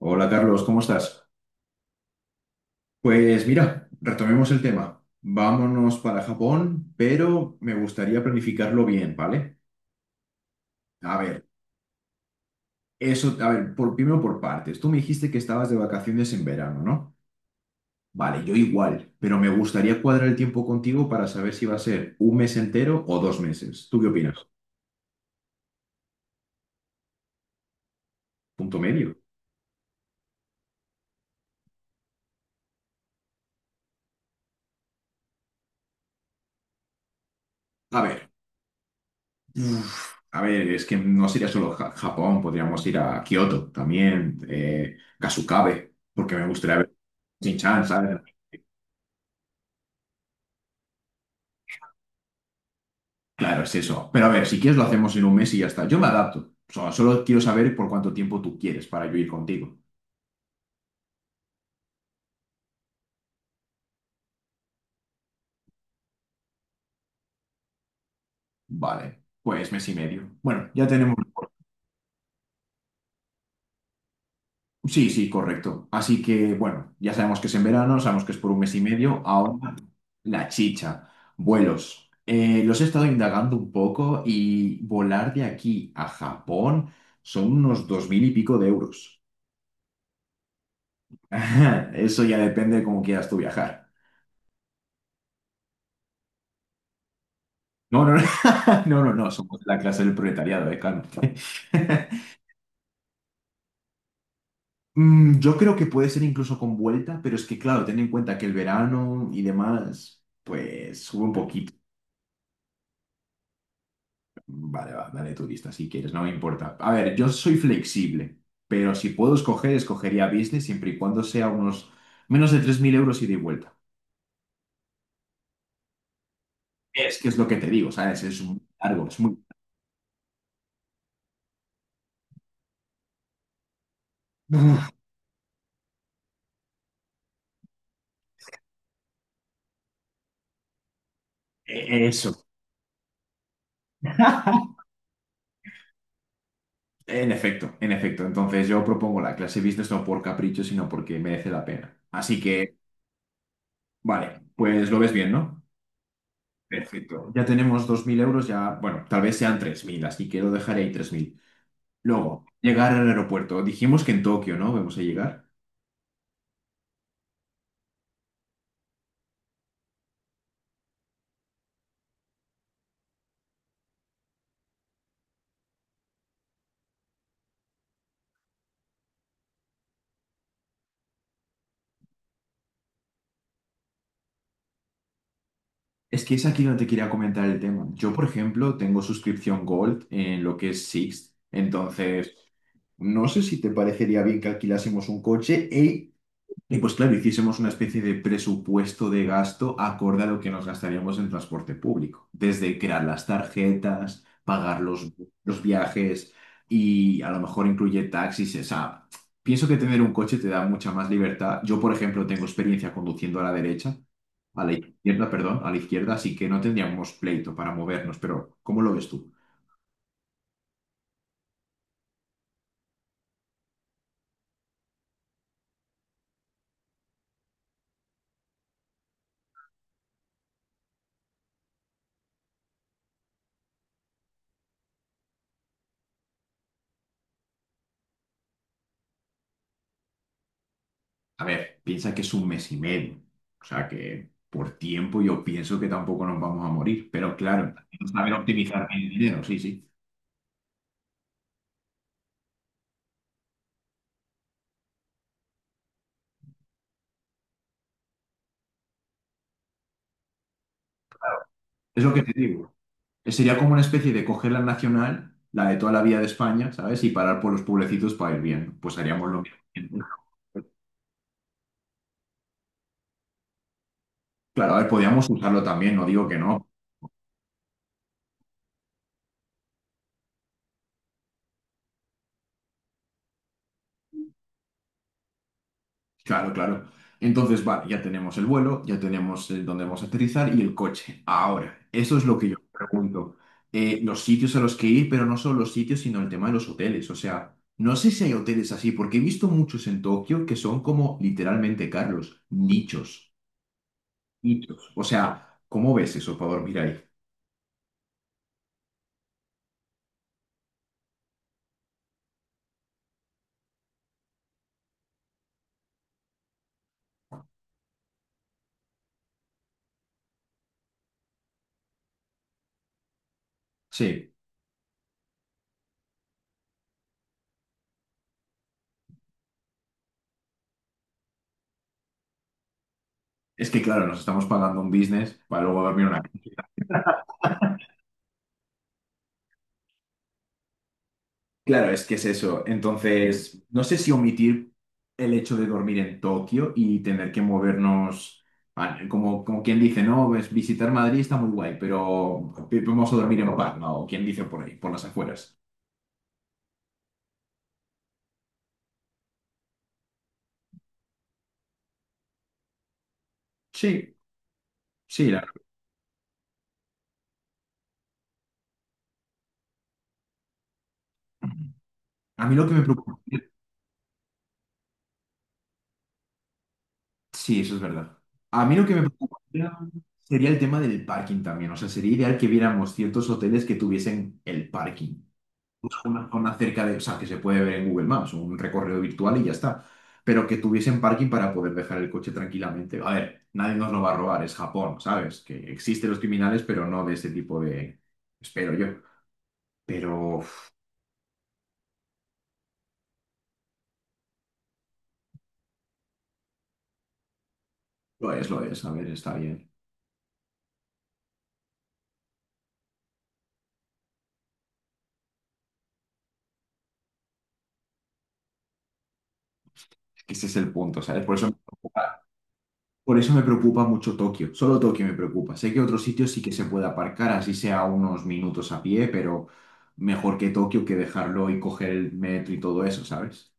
Hola Carlos, ¿cómo estás? Pues mira, retomemos el tema. Vámonos para Japón, pero me gustaría planificarlo bien, ¿vale? A ver, eso, a ver, primero por partes. Tú me dijiste que estabas de vacaciones en verano, ¿no? Vale, yo igual, pero me gustaría cuadrar el tiempo contigo para saber si va a ser un mes entero o 2 meses. ¿Tú qué opinas? Punto medio. A ver, uf, a ver, es que no sería solo Japón, podríamos ir a Kioto también, Kasukabe, porque me gustaría ver. Shin-chan, ¿sabes? Claro, es eso. Pero a ver, si quieres lo hacemos en un mes y ya está. Yo me adapto. O sea, solo quiero saber por cuánto tiempo tú quieres para yo ir contigo. Vale, pues mes y medio. Bueno, ya tenemos. Sí, sí, correcto. Así que, bueno, ya sabemos que es en verano, sabemos que es por un mes y medio. Ahora, la chicha. Vuelos. Los he estado indagando un poco y volar de aquí a Japón son unos 2000 y pico de euros. Eso ya depende de cómo quieras tú viajar. No, no, no, no, no, no, somos la clase del proletariado, cálmate. Yo creo que puede ser incluso con vuelta, pero es que, claro, ten en cuenta que el verano y demás, pues sube un poquito. Vale, va, dale tu lista si quieres, no me importa. A ver, yo soy flexible, pero si puedo escoger, escogería business siempre y cuando sea unos menos de 3000 euros ida y vuelta. Es que es lo que te digo, ¿sabes? Es muy largo. Eso. En efecto, en efecto. Entonces yo propongo la clase business no por capricho, sino porque merece la pena. Así que, vale, pues lo ves bien, ¿no? Perfecto. Ya tenemos 2000 euros, ya, bueno, tal vez sean 3000. Así que lo dejaré ahí 3000. Luego, llegar al aeropuerto. Dijimos que en Tokio, ¿no? Vamos a llegar. Es que es aquí donde te quería comentar el tema. Yo, por ejemplo, tengo suscripción Gold en lo que es Sixt. Entonces, no sé si te parecería bien que alquilásemos un coche y pues claro, hiciésemos una especie de presupuesto de gasto acorde a lo que nos gastaríamos en transporte público, desde crear las tarjetas, pagar los viajes y a lo mejor incluye taxis. O sea, pienso que tener un coche te da mucha más libertad. Yo, por ejemplo, tengo experiencia conduciendo a la derecha, a la izquierda, perdón, a la izquierda, así que no tendríamos pleito para movernos, pero ¿cómo lo ves tú? A ver, piensa que es un mes y medio. O sea que por tiempo yo pienso que tampoco nos vamos a morir. Pero claro, saber optimizar el dinero, sí, sí. Es lo que te digo. Sería como una especie de coger la nacional, la de toda la vía de España, ¿sabes? Y parar por los pueblecitos para ir bien. Pues haríamos lo mismo. Claro, a ver, podríamos usarlo también, no digo que no. Claro, claro. Entonces, vale, ya tenemos el vuelo, ya tenemos el dónde vamos a aterrizar y el coche. Ahora, eso es lo que yo me pregunto. Los sitios a los que ir, pero no solo los sitios, sino el tema de los hoteles. O sea, no sé si hay hoteles así, porque he visto muchos en Tokio que son como literalmente, Carlos, nichos. Nichos. O sea, ¿cómo ves eso para dormir ahí? Sí. Es que, claro, nos estamos pagando un business para luego dormir. Una Claro, es que es eso. Entonces, no sé si omitir el hecho de dormir en Tokio y tener que movernos, ah, como quien dice, no, pues visitar Madrid está muy guay, pero vamos a dormir en Palma o quien dice por ahí, por las afueras. Sí, sí. la A mí lo que me preocupa, sí, eso es verdad. A mí lo que me preocupa sería el tema del parking también. O sea, sería ideal que viéramos ciertos hoteles que tuviesen el parking, una zona cerca de, o sea, que se puede ver en Google Maps, un recorrido virtual y ya está, pero que tuviesen parking para poder dejar el coche tranquilamente. A ver, nadie nos lo va a robar, es Japón, ¿sabes? Que existen los criminales, pero no de ese tipo de, espero yo. Pero uf, lo es, a ver, está bien. Es que ese es el punto, ¿sabes? Por eso me preocupa, por eso me preocupa mucho Tokio, solo Tokio me preocupa. Sé que otros sitios sí que se puede aparcar, así sea unos minutos a pie, pero mejor que Tokio que dejarlo y coger el metro y todo eso, ¿sabes?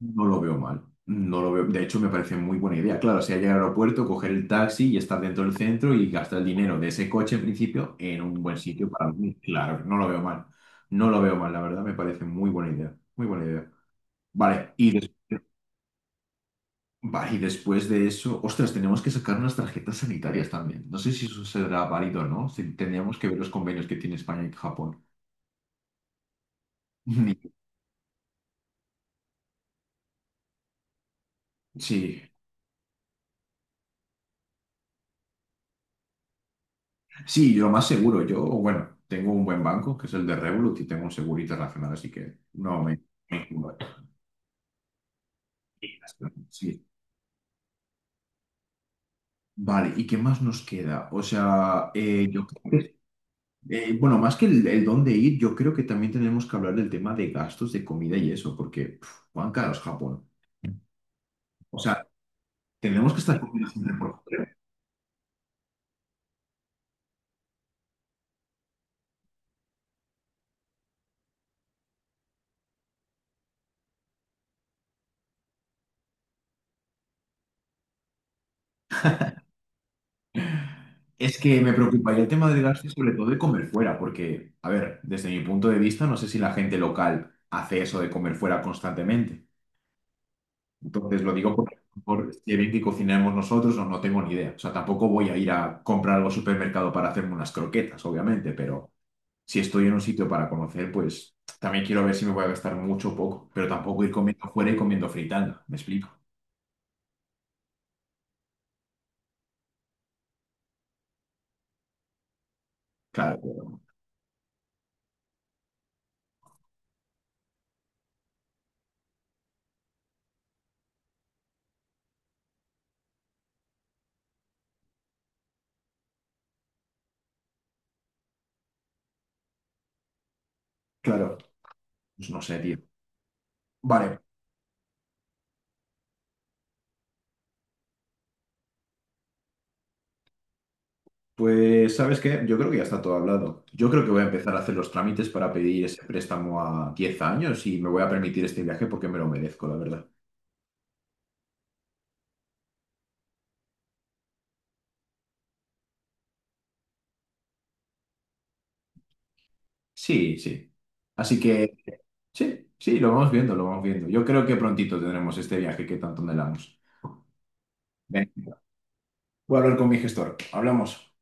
No lo veo mal. No lo veo. De hecho, me parece muy buena idea. Claro, si hay llegar al aeropuerto, coger el taxi y estar dentro del centro y gastar el dinero de ese coche en principio en un buen sitio para dormir. Claro, no lo veo mal. No lo veo mal, la verdad, me parece muy buena idea. Muy buena idea. Vale, y después, vale, y después de eso, ostras, tenemos que sacar unas tarjetas sanitarias también. No sé si eso será válido o no. Si tendríamos que ver los convenios que tiene España y Japón. Ni- Sí, sí, yo más seguro. Yo, bueno, tengo un buen banco, que es el de Revolut, y tengo un seguro internacional, así que no me culo. Sí. Vale, ¿y qué más nos queda? O sea, bueno, más que el dónde ir, yo creo que también tenemos que hablar del tema de gastos de comida y eso, porque, puf, cuán caro es Japón. O sea, tenemos que estar comiendo siempre por fuera. Es que me preocuparía el tema del gasto y sobre todo de comer fuera, porque, a ver, desde mi punto de vista, no sé si la gente local hace eso de comer fuera constantemente. Entonces lo digo por, si bien que cocinamos nosotros, no, no tengo ni idea. O sea, tampoco voy a ir a comprar algo al supermercado para hacerme unas croquetas, obviamente, pero si estoy en un sitio para conocer, pues también quiero ver si me voy a gastar mucho o poco, pero tampoco ir comiendo fuera y comiendo fritanga, ¿me explico? Claro, claro, pues no sé, tío. Vale, pues, ¿sabes qué? Yo creo que ya está todo hablado. Yo creo que voy a empezar a hacer los trámites para pedir ese préstamo a 10 años y me voy a permitir este viaje porque me lo merezco, la verdad. Sí, sí. Así que, sí, sí, lo vamos viendo, lo vamos viendo. Yo creo que prontito tendremos este viaje que tanto anhelamos. Venga, voy a hablar con mi gestor. Hablamos.